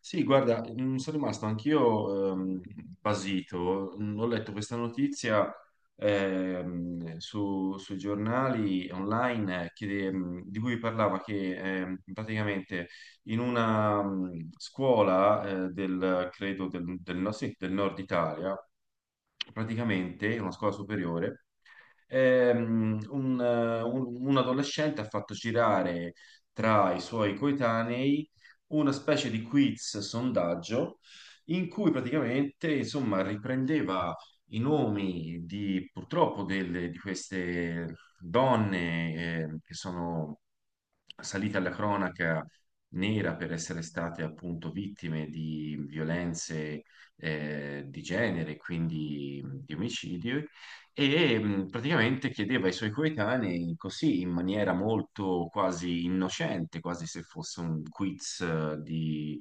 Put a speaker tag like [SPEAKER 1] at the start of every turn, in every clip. [SPEAKER 1] Sì, guarda, sono rimasto anch'io basito. Ho letto questa notizia sui giornali online che, di cui parlava che praticamente in una scuola del, credo, del sì, del nord Italia, praticamente, in una scuola superiore, un, un adolescente ha fatto girare tra i suoi coetanei una specie di quiz sondaggio in cui praticamente, insomma, riprendeva i nomi di purtroppo di queste donne che sono salite alla cronaca nera per essere state appunto vittime di violenze di genere, quindi di omicidio e praticamente chiedeva ai suoi coetanei così in maniera molto quasi innocente, quasi se fosse un quiz di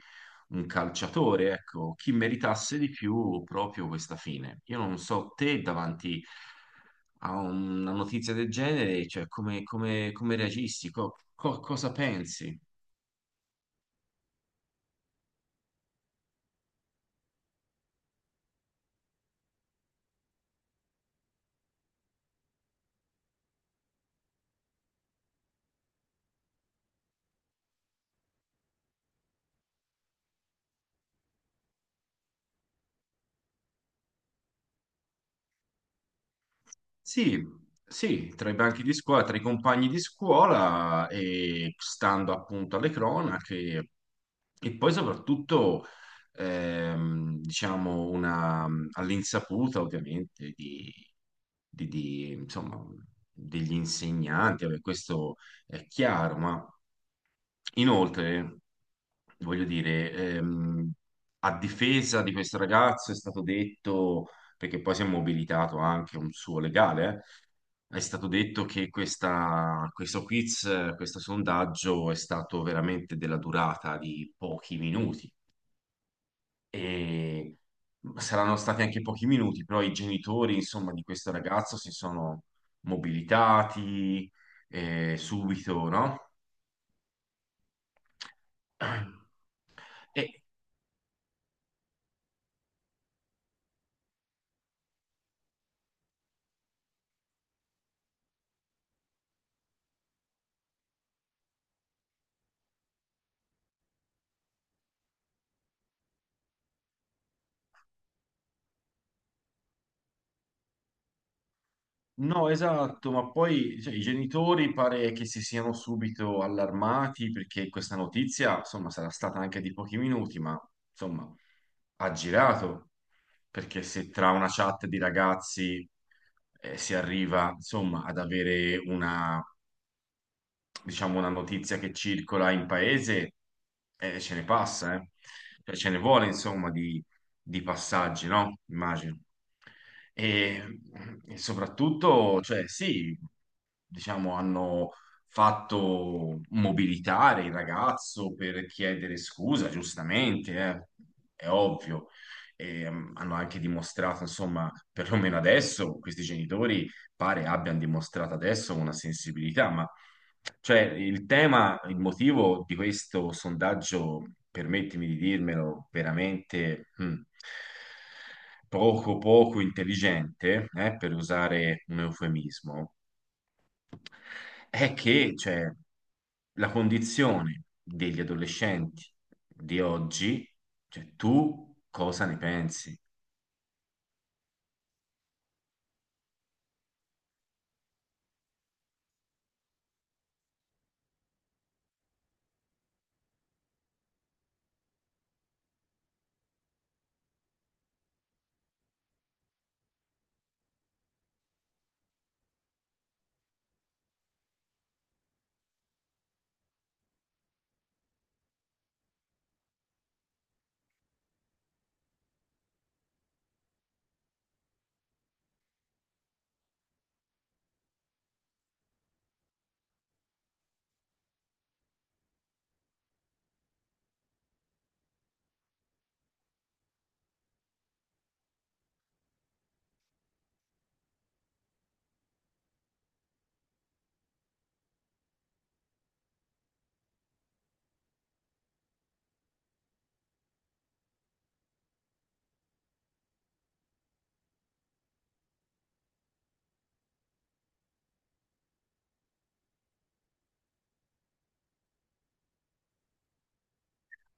[SPEAKER 1] un calciatore, ecco, chi meritasse di più proprio questa fine. Io non so te davanti a una notizia del genere, cioè come, come reagisti, cosa pensi? Sì, sì, tra i banchi di scuola, tra i compagni di scuola e stando appunto alle cronache e poi soprattutto diciamo una, all'insaputa ovviamente di, di, insomma, degli insegnanti, vabbè, questo è chiaro, ma inoltre voglio dire, a difesa di questo ragazzo è stato detto, perché poi si è mobilitato anche un suo legale, è stato detto che questo quiz, questo sondaggio è stato veramente della durata di pochi minuti e saranno stati anche pochi minuti, però i genitori, insomma, di questo ragazzo si sono mobilitati subito, no? E no, esatto, ma poi cioè, i genitori pare che si siano subito allarmati perché questa notizia, insomma, sarà stata anche di pochi minuti, ma insomma, ha girato, perché se tra una chat di ragazzi si arriva, insomma, ad avere una diciamo, una notizia che circola in paese, ce ne passa, eh. Cioè, ce ne vuole, insomma, di passaggi, no? Immagino. E, e soprattutto, cioè, sì, diciamo, hanno fatto mobilitare il ragazzo per chiedere scusa, giustamente, è ovvio. E, hanno anche dimostrato, insomma, perlomeno adesso, questi genitori pare abbiano dimostrato adesso una sensibilità, ma cioè, il tema, il motivo di questo sondaggio, permettimi di dirmelo, veramente poco poco intelligente, per usare un eufemismo, è che cioè, la condizione degli adolescenti di oggi, cioè tu cosa ne pensi?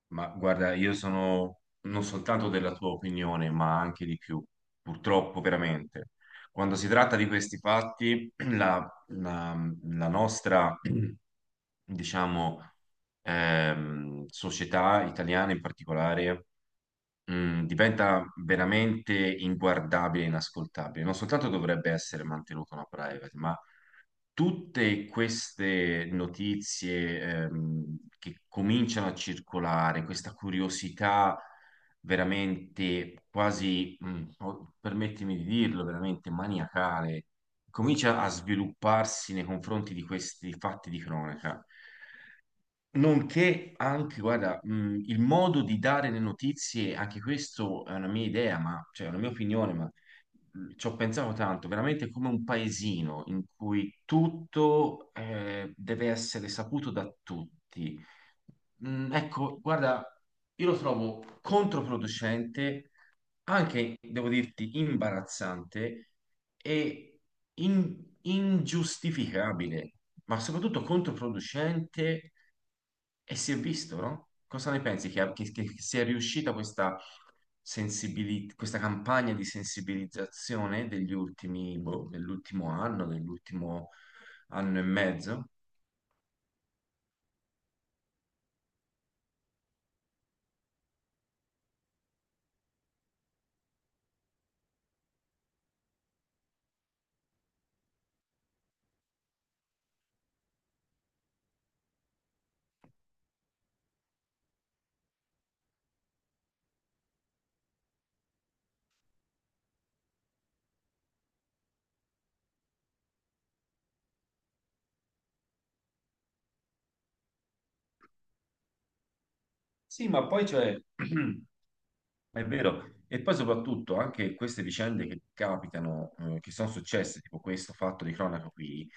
[SPEAKER 1] Ma guarda, io sono non soltanto della tua opinione, ma anche di più, purtroppo veramente. Quando si tratta di questi fatti, la, la nostra, diciamo, società italiana in particolare, diventa veramente inguardabile e inascoltabile. Non soltanto dovrebbe essere mantenuta una privacy, ma tutte queste notizie che cominciano a circolare, questa curiosità veramente quasi, permettimi di dirlo, veramente maniacale, comincia a svilupparsi nei confronti di questi fatti di cronaca. Nonché anche, guarda, il modo di dare le notizie, anche questo è una mia idea, ma, cioè è una mia opinione, ma ci ho pensato tanto, veramente come un paesino in cui tutto deve essere saputo da tutti. Ecco, guarda, io lo trovo controproducente, anche, devo dirti, imbarazzante e in- ingiustificabile, ma soprattutto controproducente e si è visto, no? Cosa ne pensi che, che sia riuscita questa, questa campagna di sensibilizzazione degli ultimi, boh, dell'ultimo anno e mezzo? Sì, ma poi cioè, è vero, e poi soprattutto anche queste vicende che capitano, che sono successe, tipo questo fatto di cronaca qui,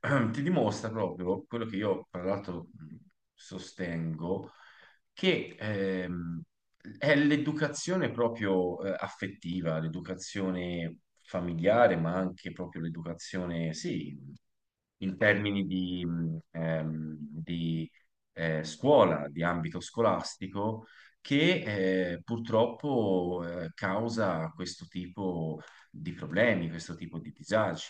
[SPEAKER 1] ti dimostra proprio quello che io, tra l'altro, sostengo, che è l'educazione proprio affettiva, l'educazione familiare, ma anche proprio l'educazione, sì, in termini di, scuola, di ambito scolastico, che purtroppo causa questo tipo di problemi, questo tipo di disagi.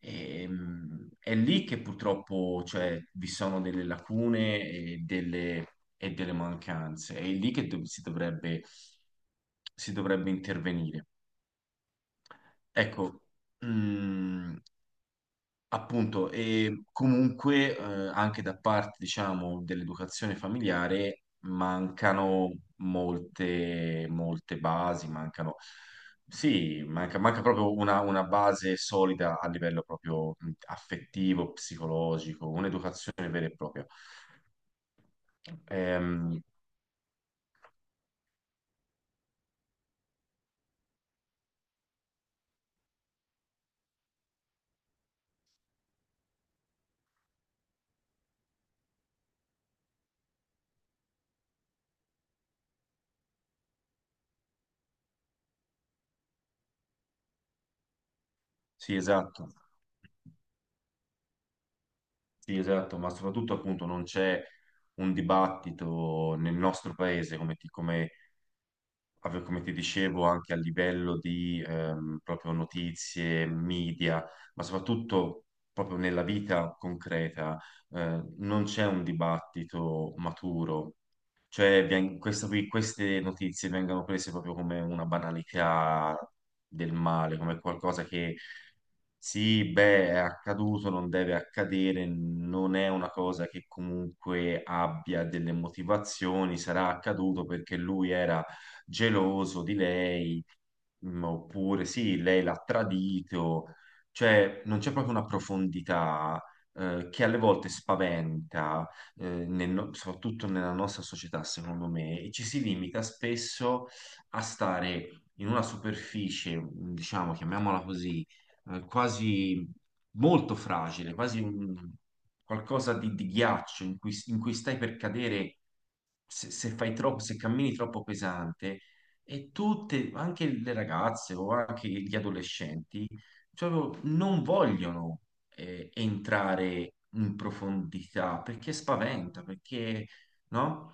[SPEAKER 1] E, è lì che purtroppo, cioè, vi sono delle lacune e delle mancanze, è lì che si dovrebbe intervenire. Ecco, mm, appunto, e comunque anche da parte, diciamo, dell'educazione familiare mancano molte, molte basi, mancano, sì, manca, manca proprio una base solida a livello proprio affettivo, psicologico, un'educazione vera e propria. Ehm, sì, esatto, sì, esatto, ma soprattutto appunto non c'è un dibattito nel nostro paese come, come come ti dicevo, anche a livello di proprio notizie, media, ma soprattutto proprio nella vita concreta, non c'è un dibattito maturo cioè, queste notizie vengono prese proprio come una banalità del male, come qualcosa che sì, beh, è accaduto, non deve accadere, non è una cosa che comunque abbia delle motivazioni, sarà accaduto perché lui era geloso di lei. Oppure sì, lei l'ha tradito, cioè non c'è proprio una profondità che alle volte spaventa, nel soprattutto nella nostra società, secondo me, e ci si limita spesso a stare in una superficie, diciamo, chiamiamola così, quasi molto fragile, quasi qualcosa di ghiaccio in cui stai per cadere se fai troppo, se cammini troppo pesante e tutte, anche le ragazze o anche gli adolescenti, proprio non vogliono entrare in profondità perché spaventa, perché no?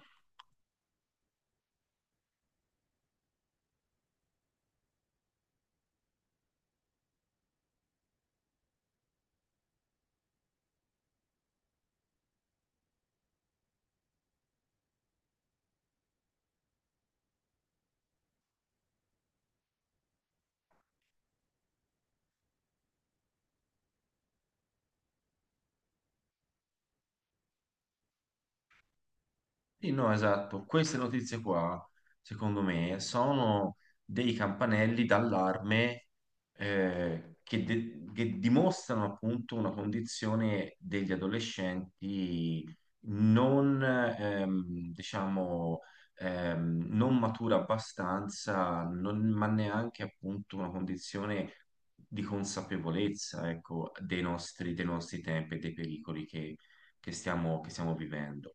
[SPEAKER 1] Sì, no, esatto. Queste notizie qua, secondo me, sono dei campanelli d'allarme che, che dimostrano appunto una condizione degli adolescenti non, diciamo, non matura abbastanza, non- ma neanche appunto una condizione di consapevolezza, ecco, dei nostri tempi e dei pericoli che che stiamo vivendo.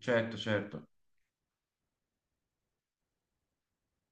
[SPEAKER 1] Certo, certo.